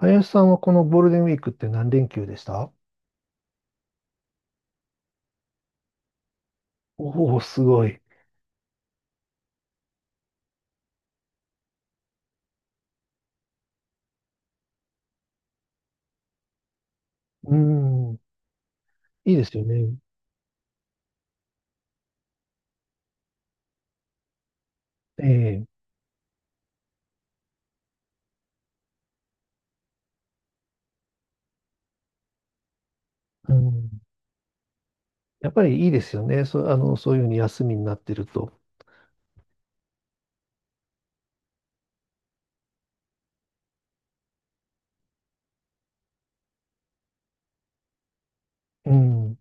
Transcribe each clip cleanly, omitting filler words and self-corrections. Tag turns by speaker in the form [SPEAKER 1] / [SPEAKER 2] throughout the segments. [SPEAKER 1] 林さんはこのゴールデンウィークって何連休でした？おおー、すごい。うん、いいですよね。ええ、うん。やっぱりいいですよね。あの、そういうふうに休みになってると。うん、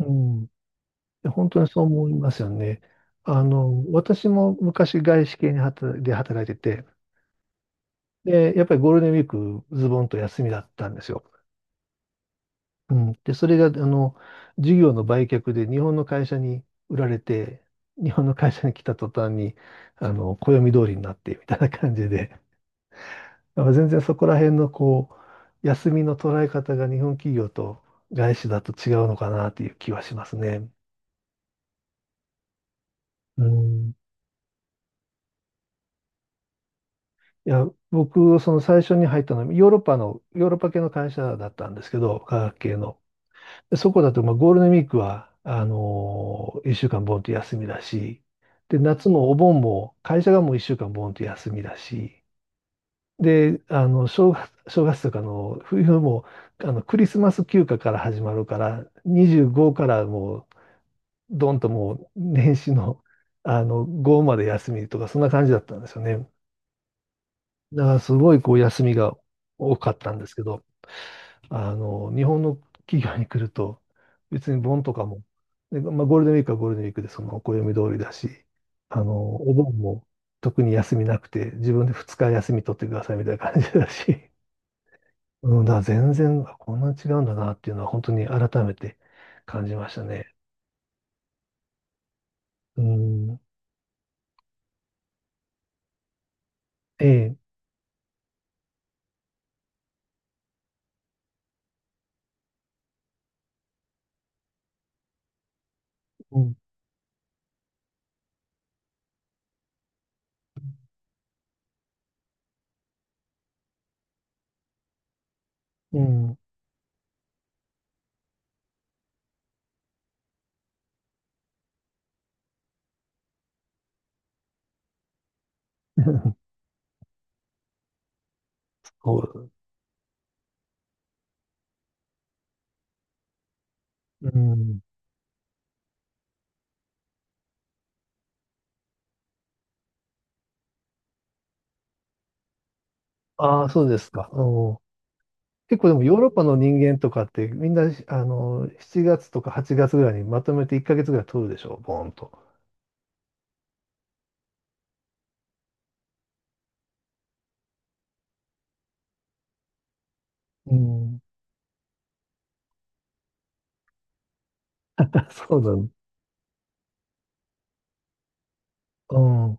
[SPEAKER 1] うん。本当にそう思いますよね。あの、私も昔外資系に働いてて、で、やっぱりゴールデンウィークズボンと休みだったんですよ。うん、で、それが、あの、事業の売却で日本の会社に売られて、日本の会社に来た途端に、あの、暦通りになって、みたいな感じで、まあ全然そこら辺の、こう、休みの捉え方が日本企業と外資だと違うのかなっていう気はしますね。うん。いや、僕、その最初に入ったのは、ヨーロッパ系の会社だったんですけど、化学系の。そこだと、まあ、ゴールデンウィークは、1週間ボンと休みだし、で、夏もお盆も、会社がもう1週間ボンと休みだし、で、あの、正月とかの冬も、あの、クリスマス休暇から始まるから、25からもう、どんともう、年始の、あの、5まで休みとか、そんな感じだったんですよね。だから、すごい、こう、休みが多かったんですけど、あの、日本の企業に来ると、別に盆とかも、で、まあ、ゴールデンウィークはゴールデンウィークでその暦通りだし、あの、お盆も特に休みなくて、自分で2日休み取ってくださいみたいな感じだし、うん、だから全然、あこんなに違うんだなっていうのは本当に改めて感じましたね。うん、ええ、うん、うん、そう、うん、ああ、そうですか。うん。結構でもヨーロッパの人間とかってみんな、あの、7月とか8月ぐらいにまとめて1ヶ月ぐらい取るでしょ、ボーンと。うん。そうだね。うん。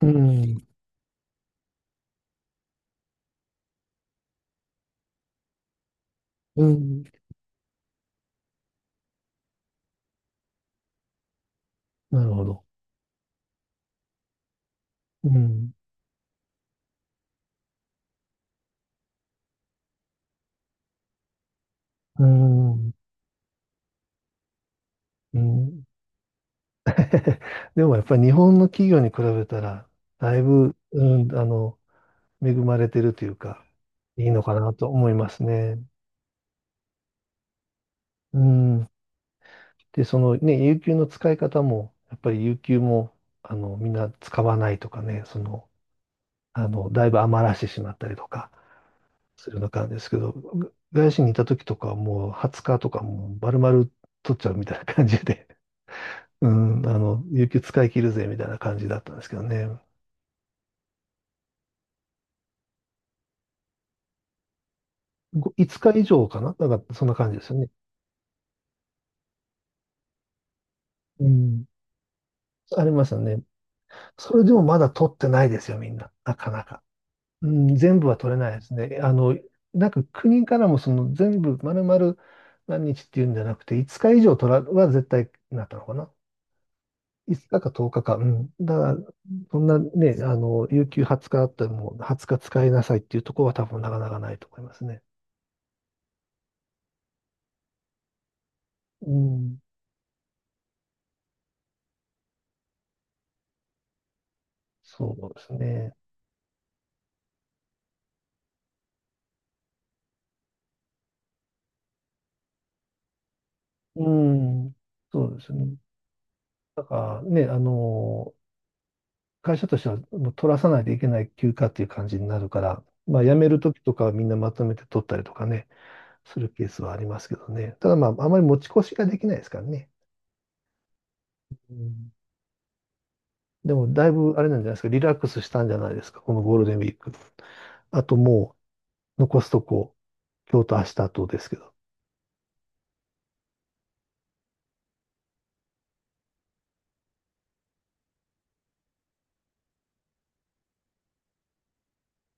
[SPEAKER 1] うん。うん。なるほど。うん。うん。うん。でもやっぱり日本の企業に比べたら、だいぶ、うん、あの、恵まれてるというか、いいのかなと思いますね。うん。で、そのね、有給の使い方も、やっぱり有給も、あの、みんな使わないとかね、その、あの、だいぶ余らしてしまったりとかするような感じですけど、が外資にいた時とかはもう20日とかもう丸々取っちゃうみたいな感じで、うん、あの、有給使い切るぜみたいな感じだったんですけどね。ご5日以上かななんかそんな感じですよね。うん、ありましたね。それでもまだ取ってないですよ、みんな。なかなか。うん、全部は取れないですね。あの、なんか国からもその全部丸々何日っていうんじゃなくて、5日以上取らは絶対なったのかな。5日か10日かか。うん。だから、そんなね、あの、有給20日あったらもう20日使いなさいっていうところは多分なかなかないと思いますね。うん。そうですね。うん。そうですね。だからね、あの、会社としてはもう取らさないといけない休暇っていう感じになるから、まあ辞めるときとかはみんなまとめて取ったりとかね、するケースはありますけどね。ただまあ、あまり持ち越しができないですからね。うん。でも、だいぶあれなんじゃないですか、リラックスしたんじゃないですか、このゴールデンウィーク。あとも残すとこ、今日と明日とですけど。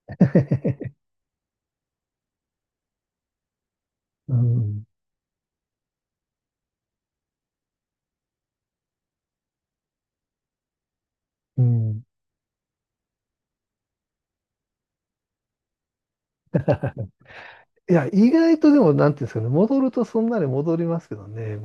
[SPEAKER 1] うん。うん。いや、意外とでも、なんていうんですかね、戻るとそんなに戻りますけどね。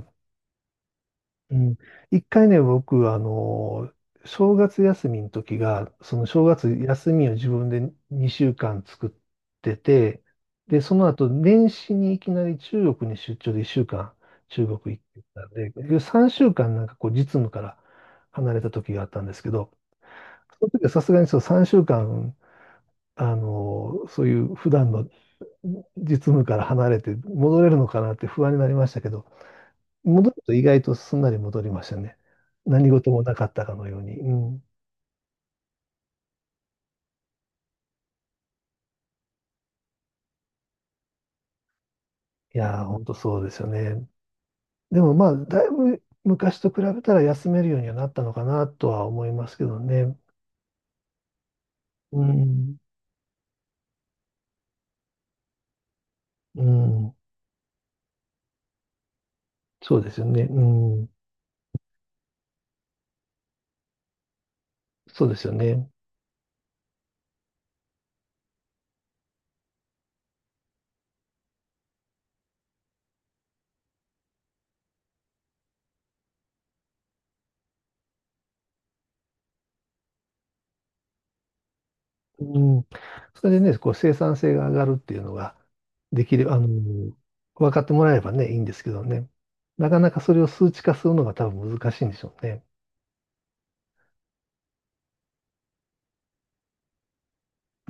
[SPEAKER 1] うん。一回ね、僕、あの、正月休みの時が、その正月休みを自分で2週間作ってて、で、その後、年始にいきなり中国に出張で1週間中国行ってたんで、結局3週間なんかこう実務から離れた時があったんですけど、その時はさすがにそう3週間あの、そういう普段の実務から離れて戻れるのかなって不安になりましたけど、戻ると意外とすんなり戻りましたね。何事もなかったかのように。うん、いやー、本当そうですよね。でもまあ、だいぶ昔と比べたら休めるようにはなったのかなとは思いますけどね。うん、うん、そうですよね。うん、そうですよね。うん、それでね、こう生産性が上がるっていうのができる、あの、分かってもらえればね、いいんですけどね。なかなかそれを数値化するのが多分難しいんでしょうね。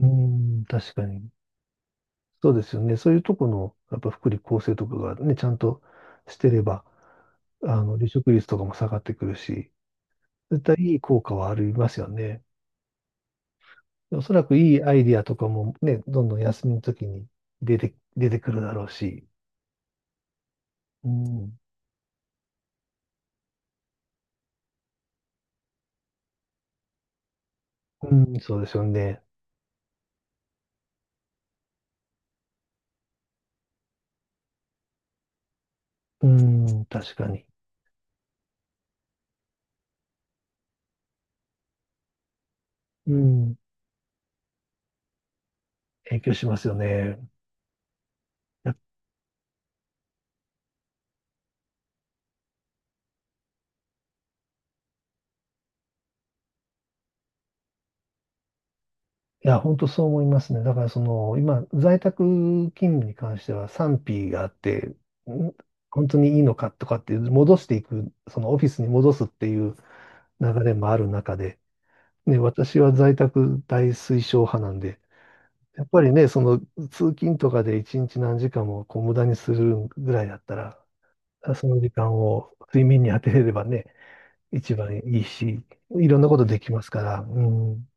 [SPEAKER 1] うん、確かに。そうですよね。そういうとこの、やっぱ福利厚生とかがね、ちゃんとしてれば、あの、離職率とかも下がってくるし、絶対いい効果はありますよね。おそらくいいアイディアとかもね、どんどん休みの時に出てくるだろうし。うん、うん、そうですよね。うん、確かに。うん、影響しますよね。いや、いや本当そう思いますね。だからその、今、在宅勤務に関しては賛否があって、ん、本当にいいのかとかっていう、戻していく、そのオフィスに戻すっていう流れもある中で、ね、私は在宅大推奨派なんで、やっぱりね、その通勤とかで一日何時間もこう無駄にするぐらいだったら、その時間を睡眠に当てれればね、一番いいし、いろんなことできますから、うん、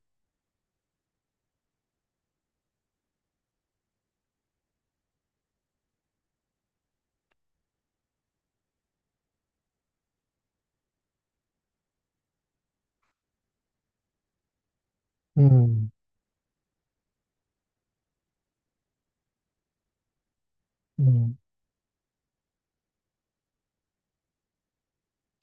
[SPEAKER 1] うん、うん、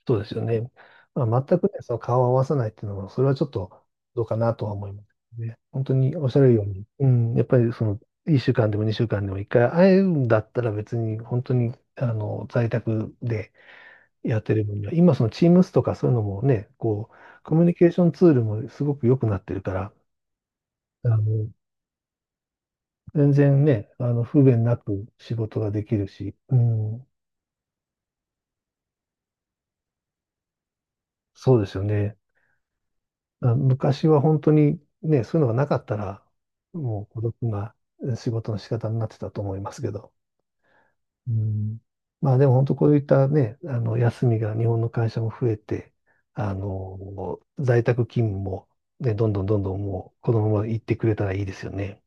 [SPEAKER 1] そうですよね。まあ、全くね、その顔を合わさないっていうのは、それはちょっとどうかなとは思いますね。本当におっしゃるように、うん、やっぱりその、1週間でも2週間でも1回会えるんだったら別に本当にあの在宅でやってる分には、今その Teams とかそういうのもね、こう、コミュニケーションツールもすごく良くなってるから、あの、全然ね、あの、不便なく仕事ができるし、うん、そうですよね。あ、昔は本当にね、そういうのがなかったら、もう孤独な仕事の仕方になってたと思いますけど。うん、まあでも本当こういったね、あの休みが日本の会社も増えて、あの、在宅勤務もね、どんどんどんどんもうこのまま行ってくれたらいいですよね。